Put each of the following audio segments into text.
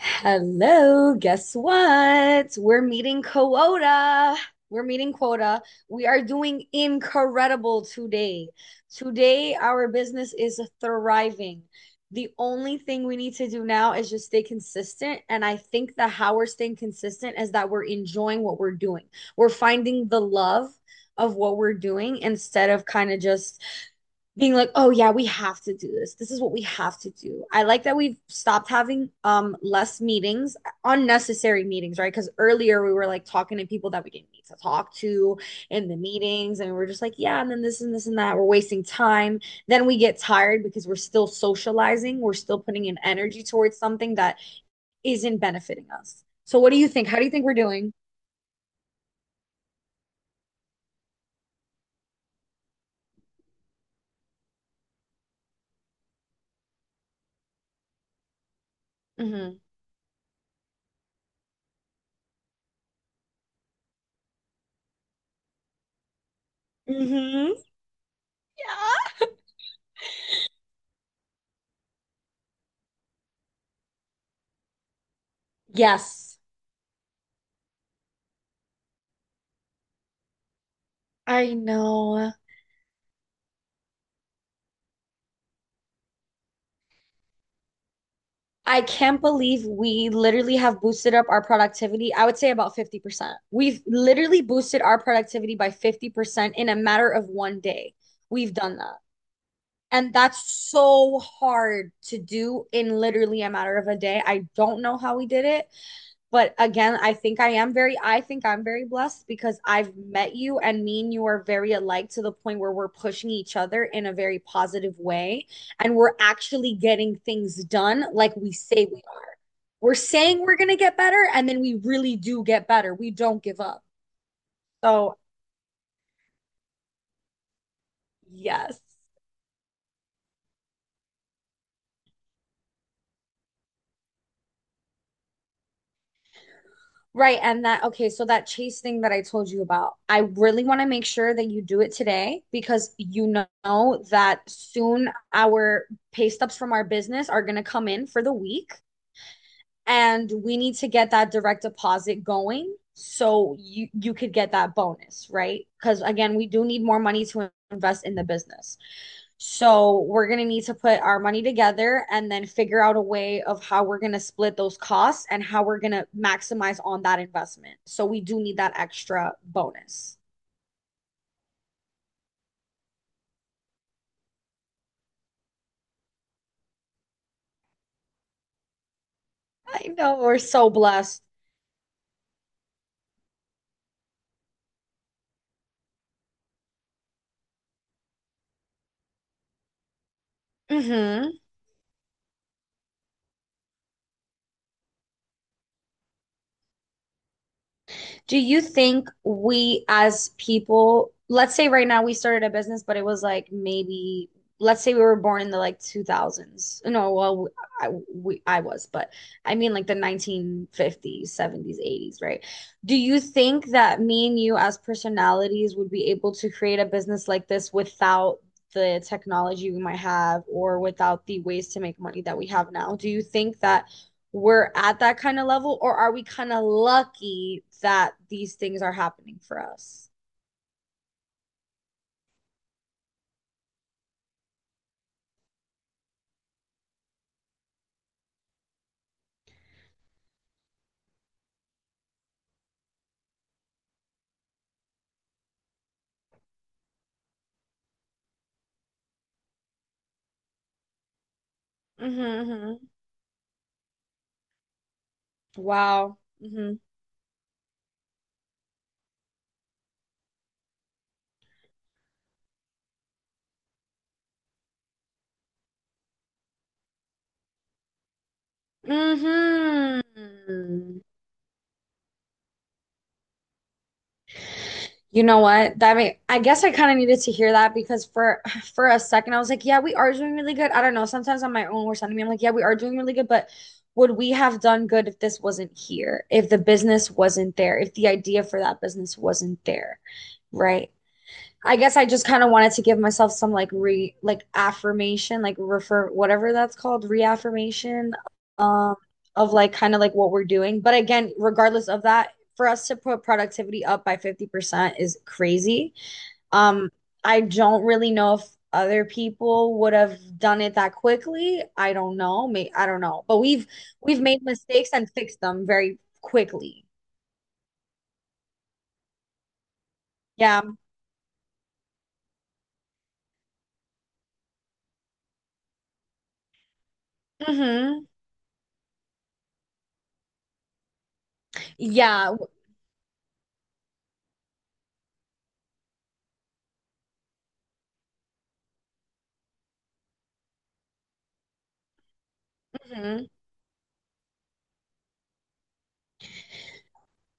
Hello, guess what? We're meeting quota. We're meeting quota. We are doing incredible today. Today, our business is thriving. The only thing we need to do now is just stay consistent. And I think that how we're staying consistent is that we're enjoying what we're doing. We're finding the love of what we're doing instead of kind of just being like, oh yeah, we have to do this. This is what we have to do. I like that we've stopped having less meetings, unnecessary meetings, right? Because earlier we were like talking to people that we didn't need to talk to in the meetings, and we are just like, yeah, and then this and this and that. We're wasting time. Then we get tired because we're still socializing, we're still putting in energy towards something that isn't benefiting us. So what do you think? How do you think we're doing? Mm-hmm. Mm-hmm. Yeah. Yes. I know. I can't believe we literally have boosted up our productivity. I would say about 50%. We've literally boosted our productivity by 50% in a matter of one day. We've done that. And that's so hard to do in literally a matter of a day. I don't know how we did it, but again, I think I'm very blessed because I've met you and me and you are very alike to the point where we're pushing each other in a very positive way and we're actually getting things done like we're saying we're going to get better, and then we really do get better. We don't give up. So, yes. Right. And that, okay, so that chase thing that I told you about, I really want to make sure that you do it today because you know that soon our pay stubs from our business are going to come in for the week and we need to get that direct deposit going so you could get that bonus, right? Because again, we do need more money to invest in the business. So we're going to need to put our money together and then figure out a way of how we're going to split those costs and how we're going to maximize on that investment. So we do need that extra bonus. I know we're so blessed. Hmm. Do you think we as people, let's say right now we started a business, but it was like maybe, let's say we were born in the like 2000s. No, well, I was, but I mean like the 1950s, 70s, 80s, right? Do you think that me and you as personalities would be able to create a business like this without the technology we might have or without the ways to make money that we have now? Do you think that we're at that kind of level or are we kind of lucky that these things are happening for us? Mm-hmm, mm-hmm. Wow. Mm-hmm. Mm-hmm. You know what, that may I guess I kind of needed to hear that because for a second I was like, yeah, we are doing really good. I don't know, sometimes on my own worst enemy, I'm like, yeah, we are doing really good, but would we have done good if this wasn't here, if the business wasn't there, if the idea for that business wasn't there, right? I guess I just kind of wanted to give myself some like re like affirmation, like refer whatever that's called, reaffirmation um of like kind of like what we're doing. But again, regardless of that, for us to put productivity up by 50% is crazy. Um I don't really know if other people would have done it that quickly. I don't know. May I don't know. But we've made mistakes and fixed them very quickly. Yeah. Hmm. Yeah. Hmm.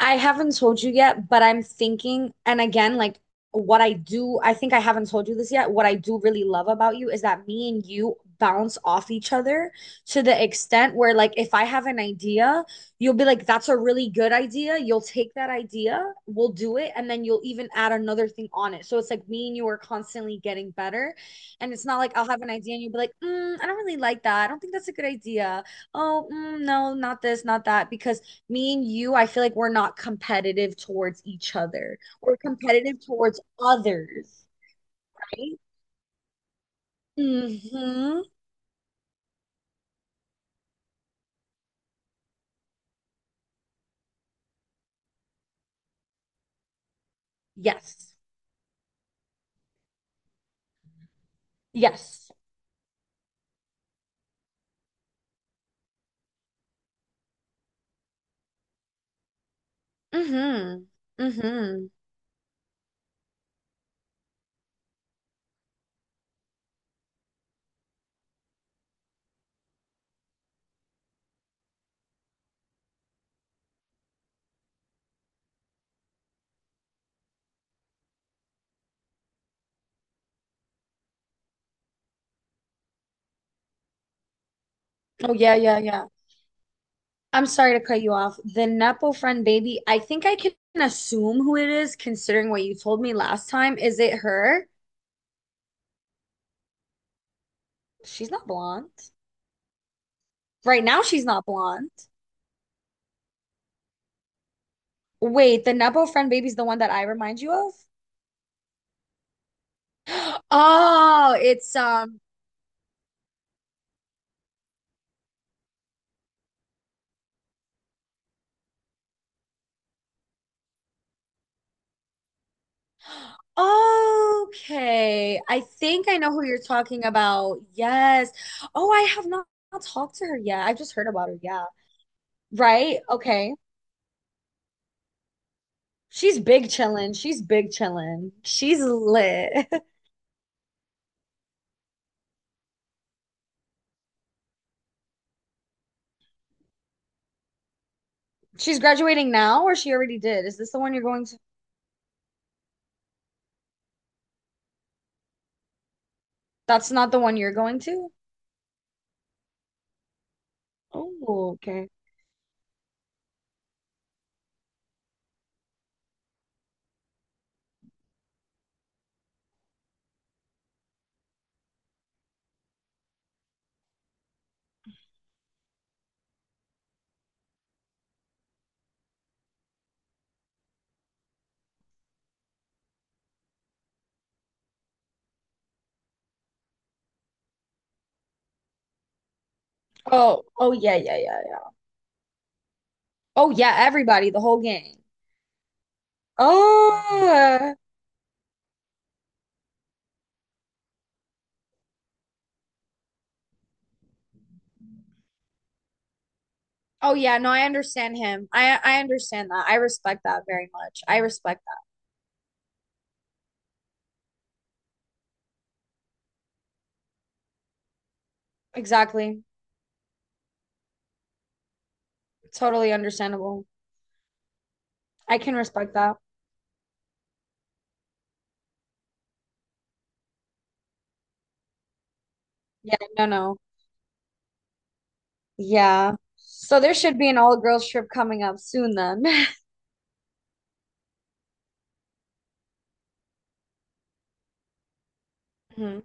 I haven't told you yet, but I'm thinking, and again, like what I do, I think I haven't told you this yet. What I do really love about you is that me and you bounce off each other to the extent where, like, if I have an idea, you'll be like, that's a really good idea. You'll take that idea, we'll do it, and then you'll even add another thing on it. So it's like me and you are constantly getting better. And it's not like I'll have an idea and you'll be like, mm, I don't really like that. I don't think that's a good idea. Oh, mm, no, not this, not that. Because me and you, I feel like we're not competitive towards each other. We're competitive towards others, right? Mm-hmm. Yes. Yes. Mm-hmm. Mm-hmm. Oh yeah, yeah, yeah. I'm sorry to cut you off. The Nepo friend baby, I think I can assume who it is considering what you told me last time. Is it her? She's not blonde. Right now she's not blonde. Wait, the Nepo friend baby's the one that I remind you of? Oh, it's okay. I think I know who you're talking about. Yes. Oh, I have not talked to her yet. I've just heard about her. Yeah. Right? Okay. She's big chillin'. She's big chillin'. She's lit. She's graduating now, or she already did? Is this the one you're going to? That's not the one you're going to? Oh, okay. Oh, oh yeah, yeah, yeah, yeah. Oh yeah, everybody, the whole gang. Oh. Oh yeah, no, I understand him. I understand that. I respect that very much. I respect. Exactly. Totally understandable. I can respect that. Yeah, no, no. Yeah. So there should be an all-girls trip coming up soon then. Mhm.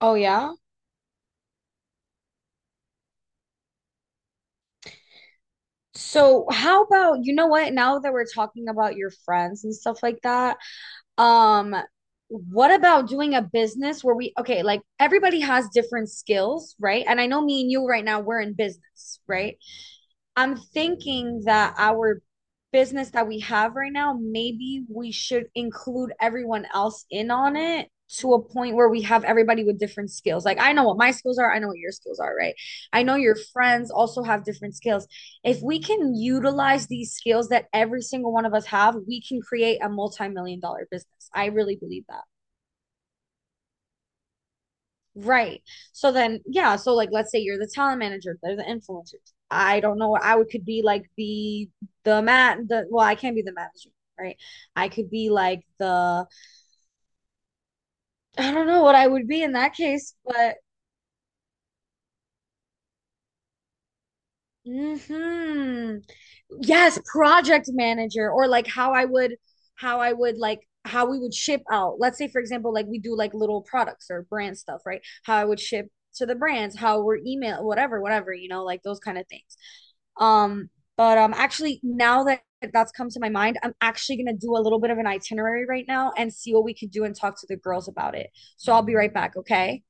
Oh yeah. So how about, you know what, now that we're talking about your friends and stuff like that, um, what about doing a business where we okay, like everybody has different skills, right? And I know me and you right now, we're in business, right? I'm thinking that our business that we have right now, maybe we should include everyone else in on it to a point where we have everybody with different skills. Like I know what my skills are, I know what your skills are, right? I know your friends also have different skills. If we can utilize these skills that every single one of us have, we can create a multi-million dollar business. I really believe that. Right. So then, yeah. So like, let's say you're the talent manager, they're the influencers. I don't know. I would could be like the man. The well, I can't be the manager, right? I could be like the I don't know what I would be in that case, but hmm, yes, project manager or like how we would ship out. Let's say, for example, like we do like little products or brand stuff, right? How I would ship to the brands, how we're email, whatever, whatever, you know, like those kind of things. Um, but actually, now that that's come to my mind, I'm actually gonna do a little bit of an itinerary right now and see what we could do and talk to the girls about it. So I'll be right back, okay?